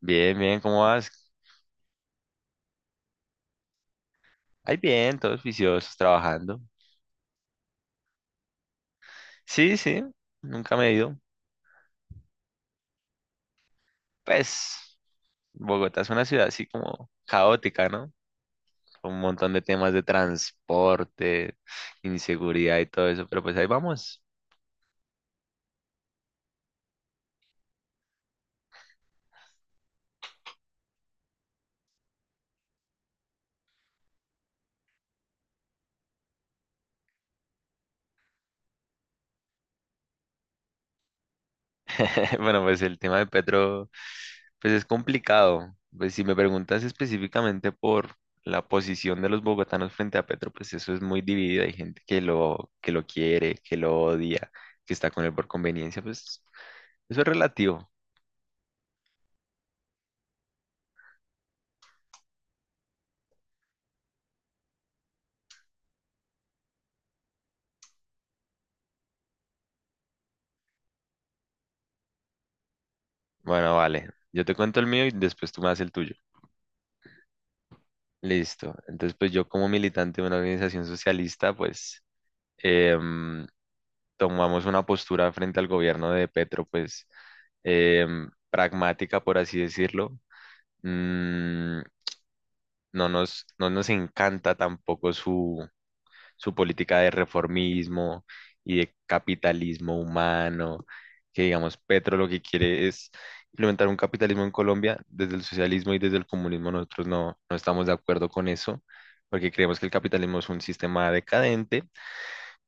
Bien, bien, ¿cómo vas? Ay, bien, todos viciosos, trabajando. Sí, sí, nunca me he ido. Pues, Bogotá es una ciudad así como caótica, ¿no? Con un montón de temas de transporte, inseguridad y todo eso, pero pues ahí vamos. Bueno, pues el tema de Petro, pues es complicado. Pues si me preguntas específicamente por la posición de los bogotanos frente a Petro, pues eso es muy dividido. Hay gente que lo quiere, que lo odia, que está con él por conveniencia, pues eso es relativo. Bueno, vale. Yo te cuento el mío y después tú me haces el tuyo. Listo. Entonces, pues yo como militante de una organización socialista, pues em, tomamos una postura frente al gobierno de Petro, pues pragmática, por así decirlo. Mm, no nos encanta tampoco su política de reformismo y de capitalismo humano, que digamos, Petro lo que quiere es implementar un capitalismo en Colombia. Desde el socialismo y desde el comunismo nosotros no estamos de acuerdo con eso, porque creemos que el capitalismo es un sistema decadente,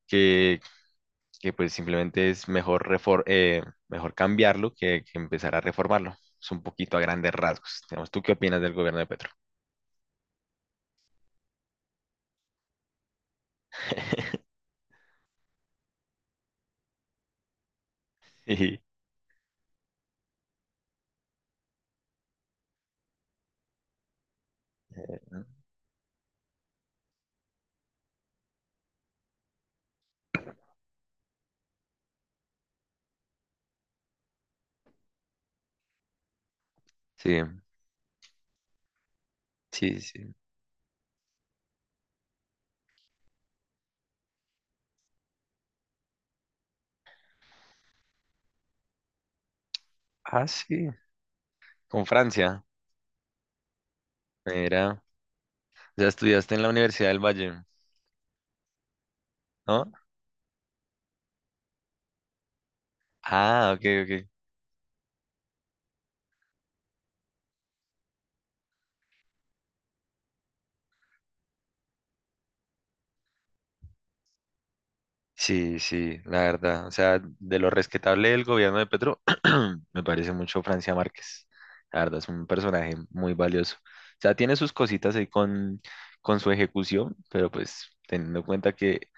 que, que pues simplemente es mejor, mejor cambiarlo que empezar a reformarlo. Es un poquito a grandes rasgos. Digamos, ¿tú qué opinas del gobierno de Petro? Sí, eh, sí, sí. Sí. Ah, sí. Con Francia. Mira, ya estudiaste en la Universidad del Valle, ¿no? Ah, ok, ok. Sí, sí, la verdad. O sea, de lo respetable del gobierno de Petro, me parece mucho Francia Márquez. La verdad, es un personaje muy valioso. O sea, tiene sus cositas ahí con su ejecución, pero pues teniendo en cuenta que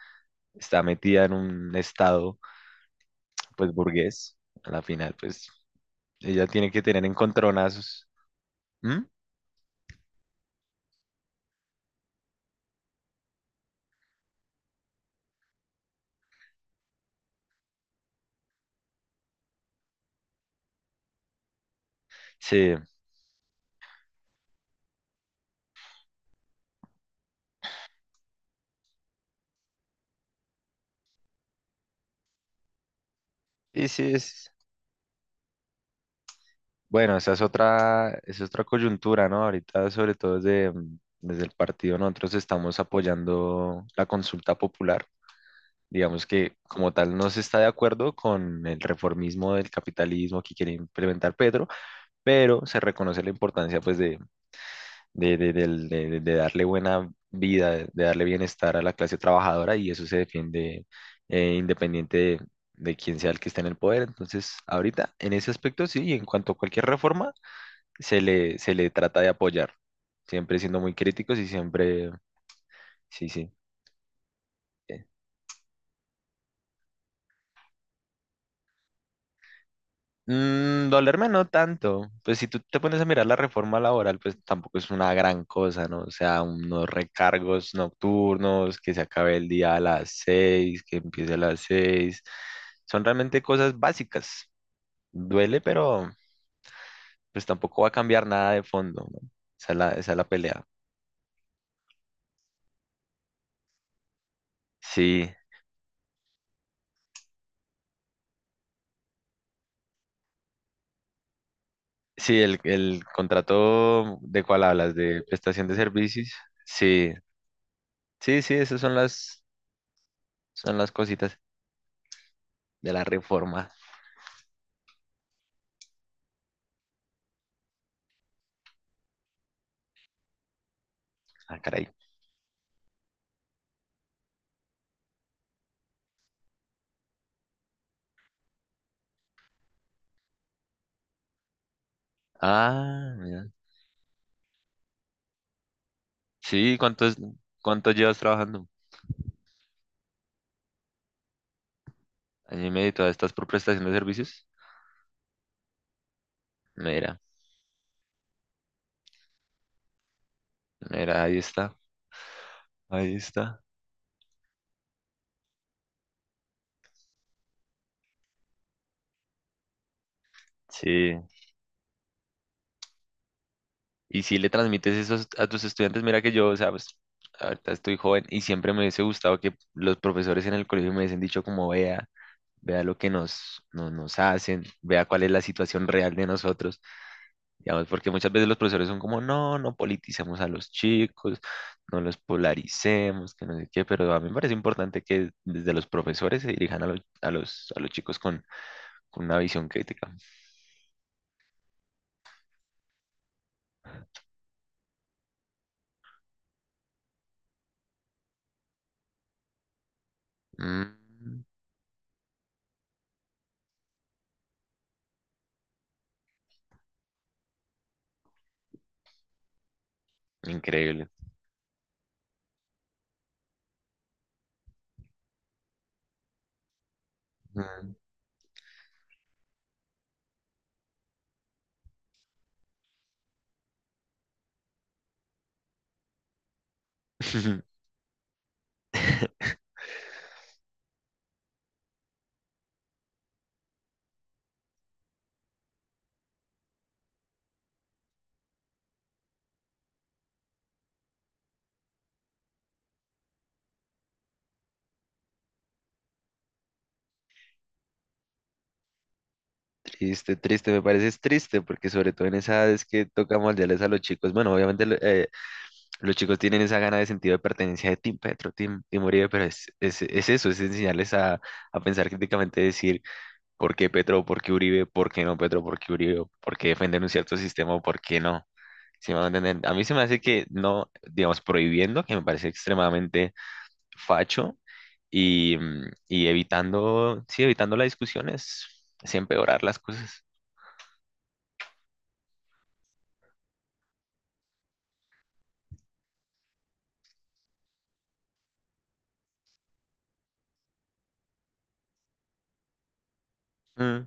está metida en un estado, pues burgués, a la final, pues ella tiene que tener encontronazos. ¿Mm? Sí, y sí, es. Bueno, esa es otra coyuntura, ¿no? Ahorita, sobre todo desde el partido, nosotros estamos apoyando la consulta popular. Digamos que como tal no se está de acuerdo con el reformismo del capitalismo que quiere implementar Pedro, pero se reconoce la importancia pues de darle buena vida, de darle bienestar a la clase trabajadora, y eso se defiende independiente de quién sea el que esté en el poder. Entonces, ahorita en ese aspecto sí, y en cuanto a cualquier reforma se le trata de apoyar, siempre siendo muy críticos y siempre, sí, sí. Eh, Dolerme no tanto, pues si tú te pones a mirar la reforma laboral, pues tampoco es una gran cosa, ¿no? O sea, unos recargos nocturnos, que se acabe el día a las seis, que empiece a las seis, son realmente cosas básicas. Duele, pero pues tampoco va a cambiar nada de fondo, ¿no? Esa es la pelea. Sí, sí, el contrato de cuál hablas, de prestación de servicios. Sí, sí, sí, esas son son las cositas de la reforma. Ah, caray. Ah, mira. Sí, ¿cuánto llevas trabajando? Año y medio, ¿todavía estás por prestación de servicios? Mira, mira, ahí está, ahí está. Sí. Y si le transmites eso a tus estudiantes, mira que yo, o sea, pues, ahorita estoy joven y siempre me hubiese gustado que los profesores en el colegio me hubiesen dicho como vea. Vea lo que nos, no- nos hacen, vea cuál es la situación real de nosotros, digamos, porque muchas veces los profesores son como, no, no politicemos a los chicos, no los polaricemos, que no sé qué, pero a mí me parece importante que desde los profesores se dirijan a los, a los, a los chicos con una visión crítica. Mm, Increíble. Mm. Triste, triste, me parece es triste, porque sobre todo en esa edad es que toca moldearles a los chicos. Bueno, obviamente los chicos tienen esa gana de sentido de pertenencia de Team Petro, Team Uribe, pero es eso, es enseñarles a pensar críticamente, decir por qué Petro, por qué Uribe, por qué no Petro, por qué Uribe, por qué defender un cierto sistema o por qué no. ¿Sí me van a entender? A mí se me hace que no, digamos, prohibiendo, que me parece extremadamente facho, y evitando, sí, evitando las discusiones, es empeorar las cosas. Mm.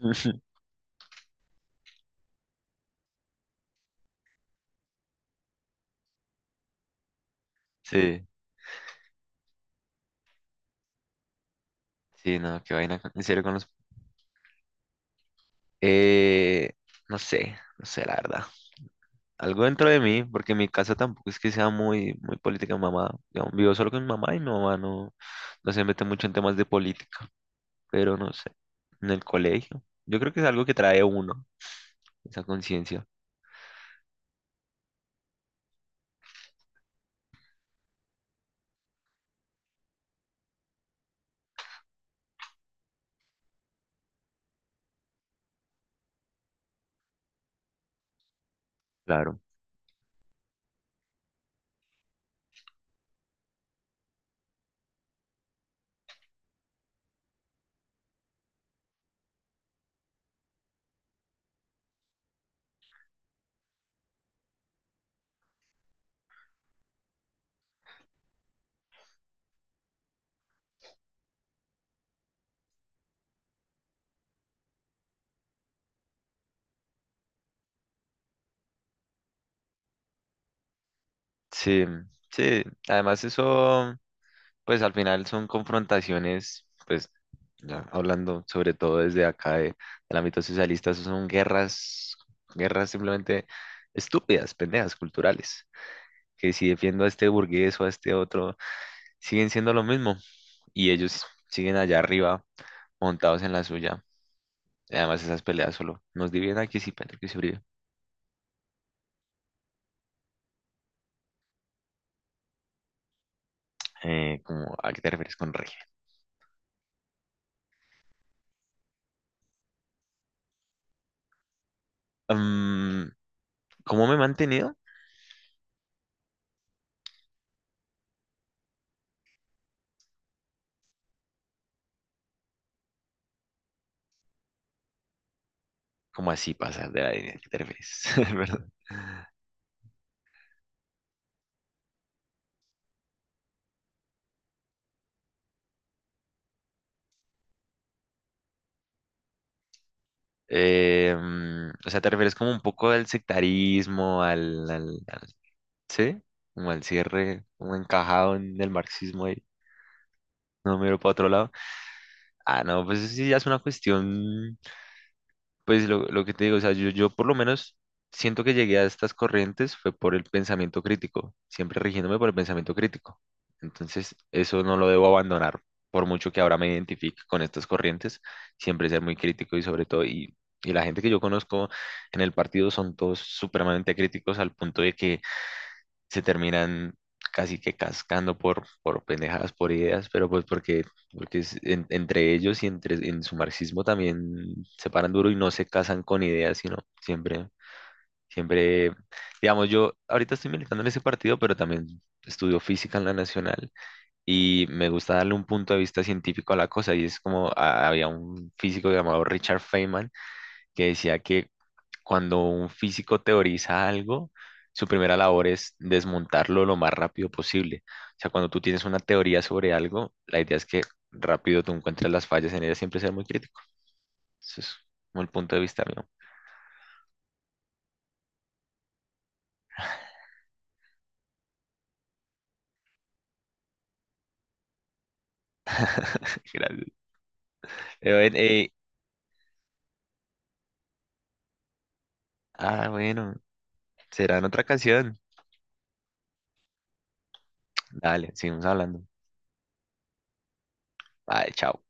Sí, sí, no, qué vaina, en serio con los. Eh, no sé, no sé, la verdad. Algo dentro de mí, porque mi casa tampoco es que sea muy, muy política. Mamá, digamos, vivo solo con mi mamá y mi mamá no se mete mucho en temas de política, pero no sé, en el colegio, yo creo que es algo que trae uno, esa conciencia, claro, sí, sí, además eso, pues al final son confrontaciones, pues ya hablando sobre todo desde acá del ámbito socialista, eso son guerras, guerras simplemente estúpidas, pendejas, culturales, que si defiendo a este burgués o a este otro, siguen siendo lo mismo y ellos siguen allá arriba montados en la suya. Y además, esas peleas solo nos dividen aquí sí, pero que se brillo. Como, ¿a qué te refieres con rey? Mm, ¿Cómo me he mantenido? ¿Cómo así pasar de la línea? ¿A qué te refieres? Perdón. O sea, ¿te refieres como un poco al sectarismo, ¿sí? ¿Como al cierre, como encajado en el marxismo y no miro para otro lado? Ah, no, pues eso sí ya es una cuestión. Pues lo que te digo, o sea, yo por lo menos siento que llegué a estas corrientes fue por el pensamiento crítico, siempre rigiéndome por el pensamiento crítico. Entonces, eso no lo debo abandonar, por mucho que ahora me identifique con estas corrientes, siempre ser muy crítico y sobre todo, y la gente que yo conozco en el partido son todos supremamente críticos al punto de que se terminan casi que cascando por pendejadas, por ideas, pero pues porque, es entre ellos y en su marxismo también se paran duro y no se casan con ideas, sino siempre, siempre, digamos, yo ahorita estoy militando en ese partido, pero también estudio física en la nacional, y me gusta darle un punto de vista científico a la cosa y es como había un físico llamado Richard Feynman que decía que cuando un físico teoriza algo, su primera labor es desmontarlo lo más rápido posible. O sea, cuando tú tienes una teoría sobre algo, la idea es que rápido tú encuentres las fallas en ella, siempre ser muy crítico. Eso es como el punto de vista mío. Gracias. Bueno, bueno, será en otra canción. Dale, seguimos hablando. Vale, chao.